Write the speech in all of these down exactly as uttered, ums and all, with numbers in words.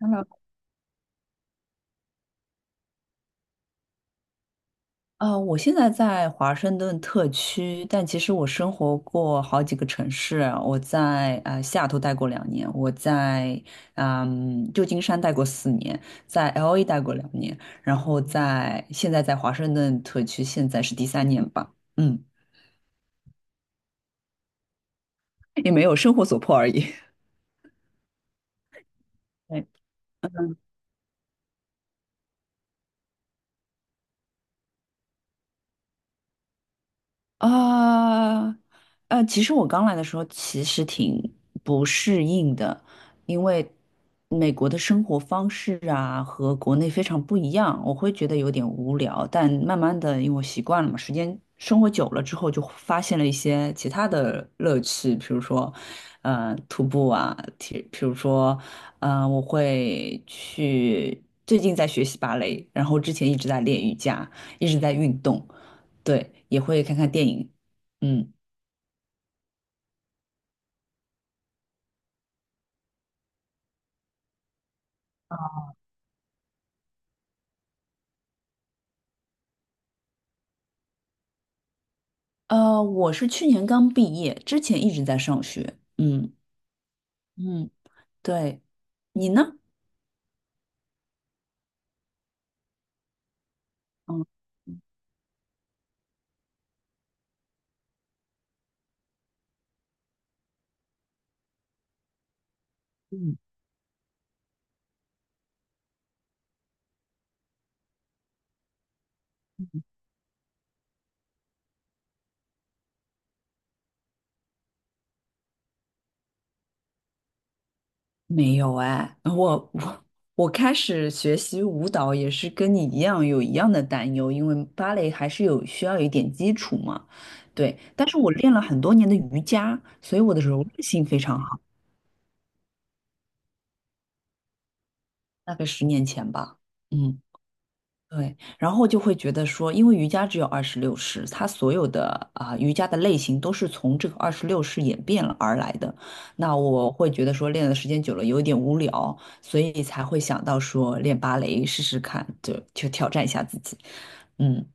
h e l 呃，我现在在华盛顿特区，但其实我生活过好几个城市啊。我在呃西雅图待过两年，我在嗯旧金山待过四年，在 L A 待过两年，然后在现在在华盛顿特区，现在是第三年吧，嗯，也没有生活所迫而已。啊，呃，其实我刚来的时候其实挺不适应的，因为美国的生活方式啊和国内非常不一样，我会觉得有点无聊。但慢慢的，因为我习惯了嘛，时间生活久了之后，就发现了一些其他的乐趣，比如说，呃，徒步啊，体，比如说，呃，我会去，最近在学习芭蕾，然后之前一直在练瑜伽，一直在运动。对，也会看看电影。嗯，呃，我是去年刚毕业，之前一直在上学。嗯嗯，对，你呢？嗯嗯，没有哎，我我我开始学习舞蹈也是跟你一样有一样的担忧，因为芭蕾还是有需要有一点基础嘛。对，但是我练了很多年的瑜伽，所以我的柔韧性非常好，大概十年前吧。嗯。对，然后就会觉得说，因为瑜伽只有二十六式，它所有的啊、瑜伽的类型都是从这个二十六式演变了而来的。那我会觉得说，练的时间久了有一点无聊，所以才会想到说练芭蕾试试看，就就挑战一下自己。嗯，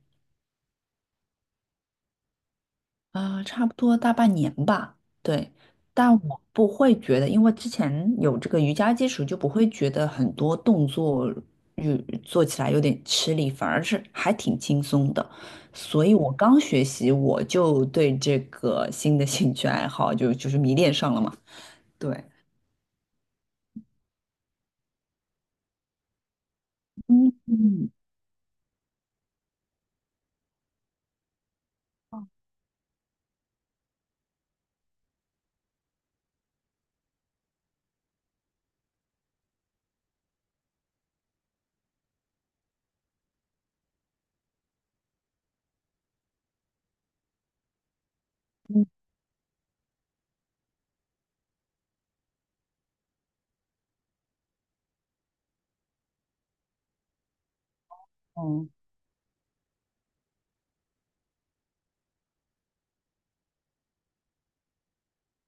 啊，差不多大半年吧。对，但我不会觉得，因为之前有这个瑜伽基础，就不会觉得很多动作有做起来有点吃力，反而是还挺轻松的。所以我刚学习，我就对这个新的兴趣爱好就就是迷恋上了嘛。对，嗯嗯，嗯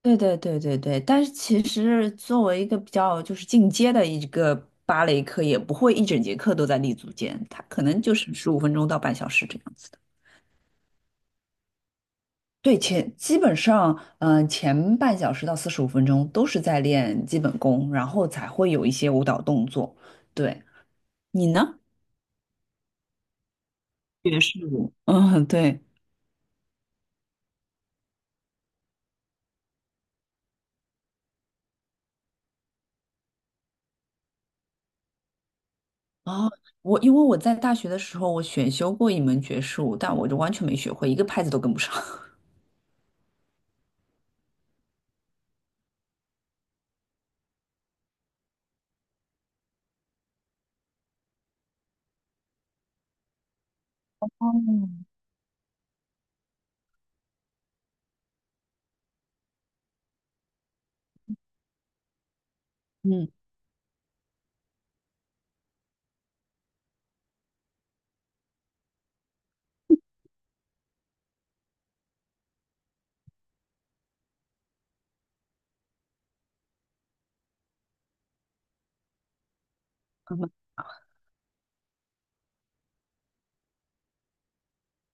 对对对对对，但是其实作为一个比较就是进阶的一个芭蕾课，也不会一整节课都在立足间，它可能就是十五分钟到半小时这样子的。对，前基本上，嗯、前半小时到四十五分钟都是在练基本功，然后才会有一些舞蹈动作。对，你呢？爵士舞。嗯，对。哦，我因为我在大学的时候，我选修过一门爵士舞，但我就完全没学会，一个拍子都跟不上。嗯，嗯。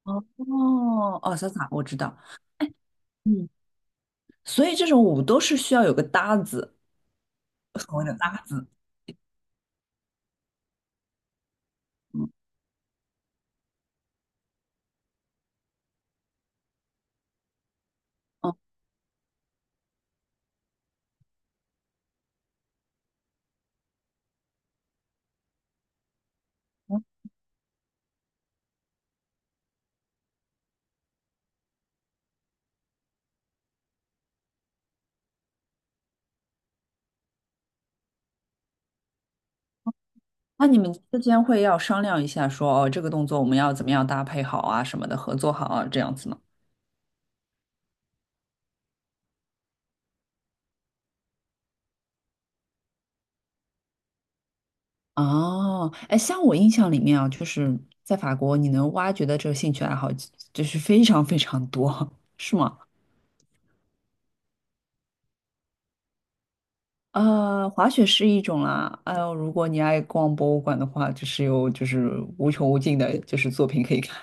哦哦，哦，潇洒，我知道。嗯，所以这种舞都是需要有个搭子，所谓的搭子。嗯哦，嗯那你们之间会要商量一下说，哦，这个动作我们要怎么样搭配好啊，什么的，合作好啊，这样子吗？哦，哎，像我印象里面啊，就是在法国，你能挖掘的这个兴趣爱好就是非常非常多，是吗？呃，滑雪是一种啦，哎呦，如果你爱逛博物馆的话，就是有就是无穷无尽的，就是作品可以看。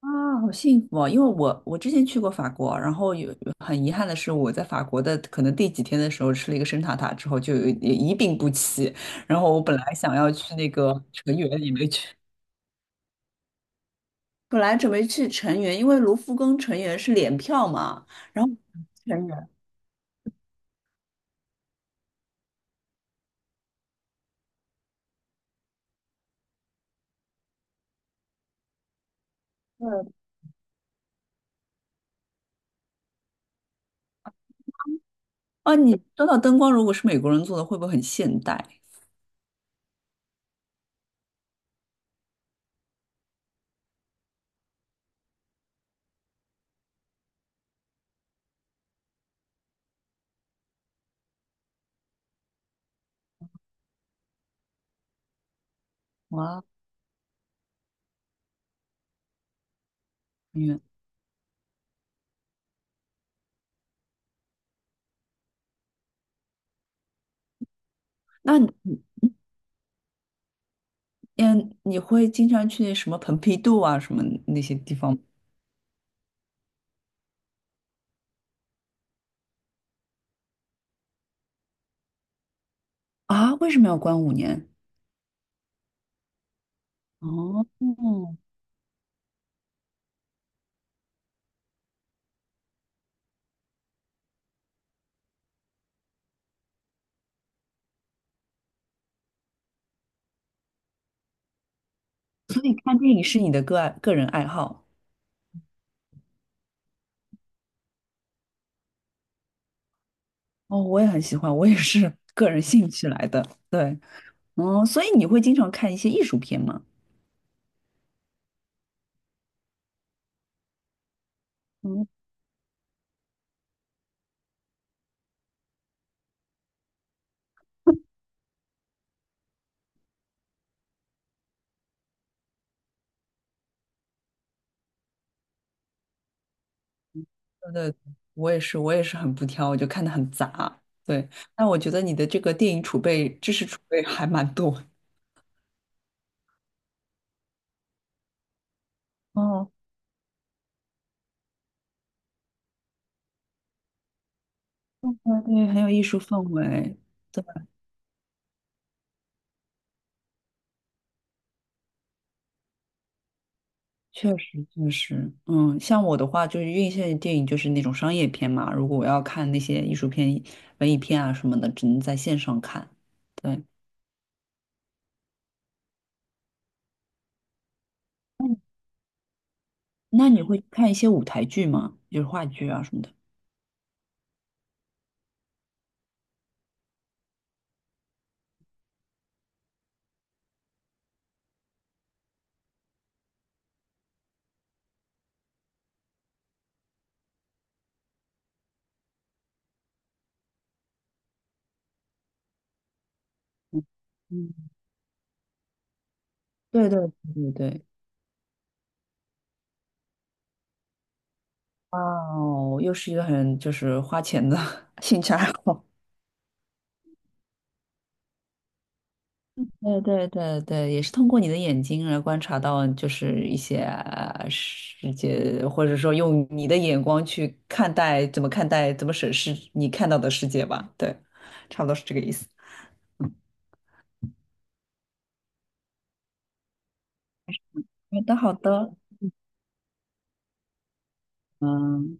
啊，好幸福哦！因为我我之前去过法国，然后有很遗憾的是，我在法国的可能第几天的时候吃了一个生塔塔之后就有一一病不起，然后我本来想要去那个成员也没去，本来准备去成员，因为卢浮宫成员是联票嘛，然后成员，对，哦，你说到灯光，如果是美国人做的，会不会很现代？哇，成员，那你嗯，你会经常去什么蓬皮杜啊什么那些地方吗？啊？为什么要关五年？哦，所以看电影是你的个爱个人爱好？哦，我也很喜欢，我也是个人兴趣来的。对，嗯，所以你会经常看一些艺术片吗？嗯，对对，我也是，我也是很不挑，我就看的很杂。对，但我觉得你的这个电影储备、知识储备还蛮多。哦，对对，很有艺术氛围。对。确实确实，嗯，像我的话，就是院线电影就是那种商业片嘛。如果我要看那些艺术片、文艺片啊什么的，只能在线上看。对，那你会看一些舞台剧吗？就是话剧啊什么的。嗯，嗯对对对对对。哇哦，又是一个很就是花钱的 兴趣爱好。对对对对，也是通过你的眼睛来观察到，就是一些呃世界，或者说用你的眼光去看待，怎么看待，怎么审视你看到的世界吧。对，差不多是这个意思。好的，好的，嗯。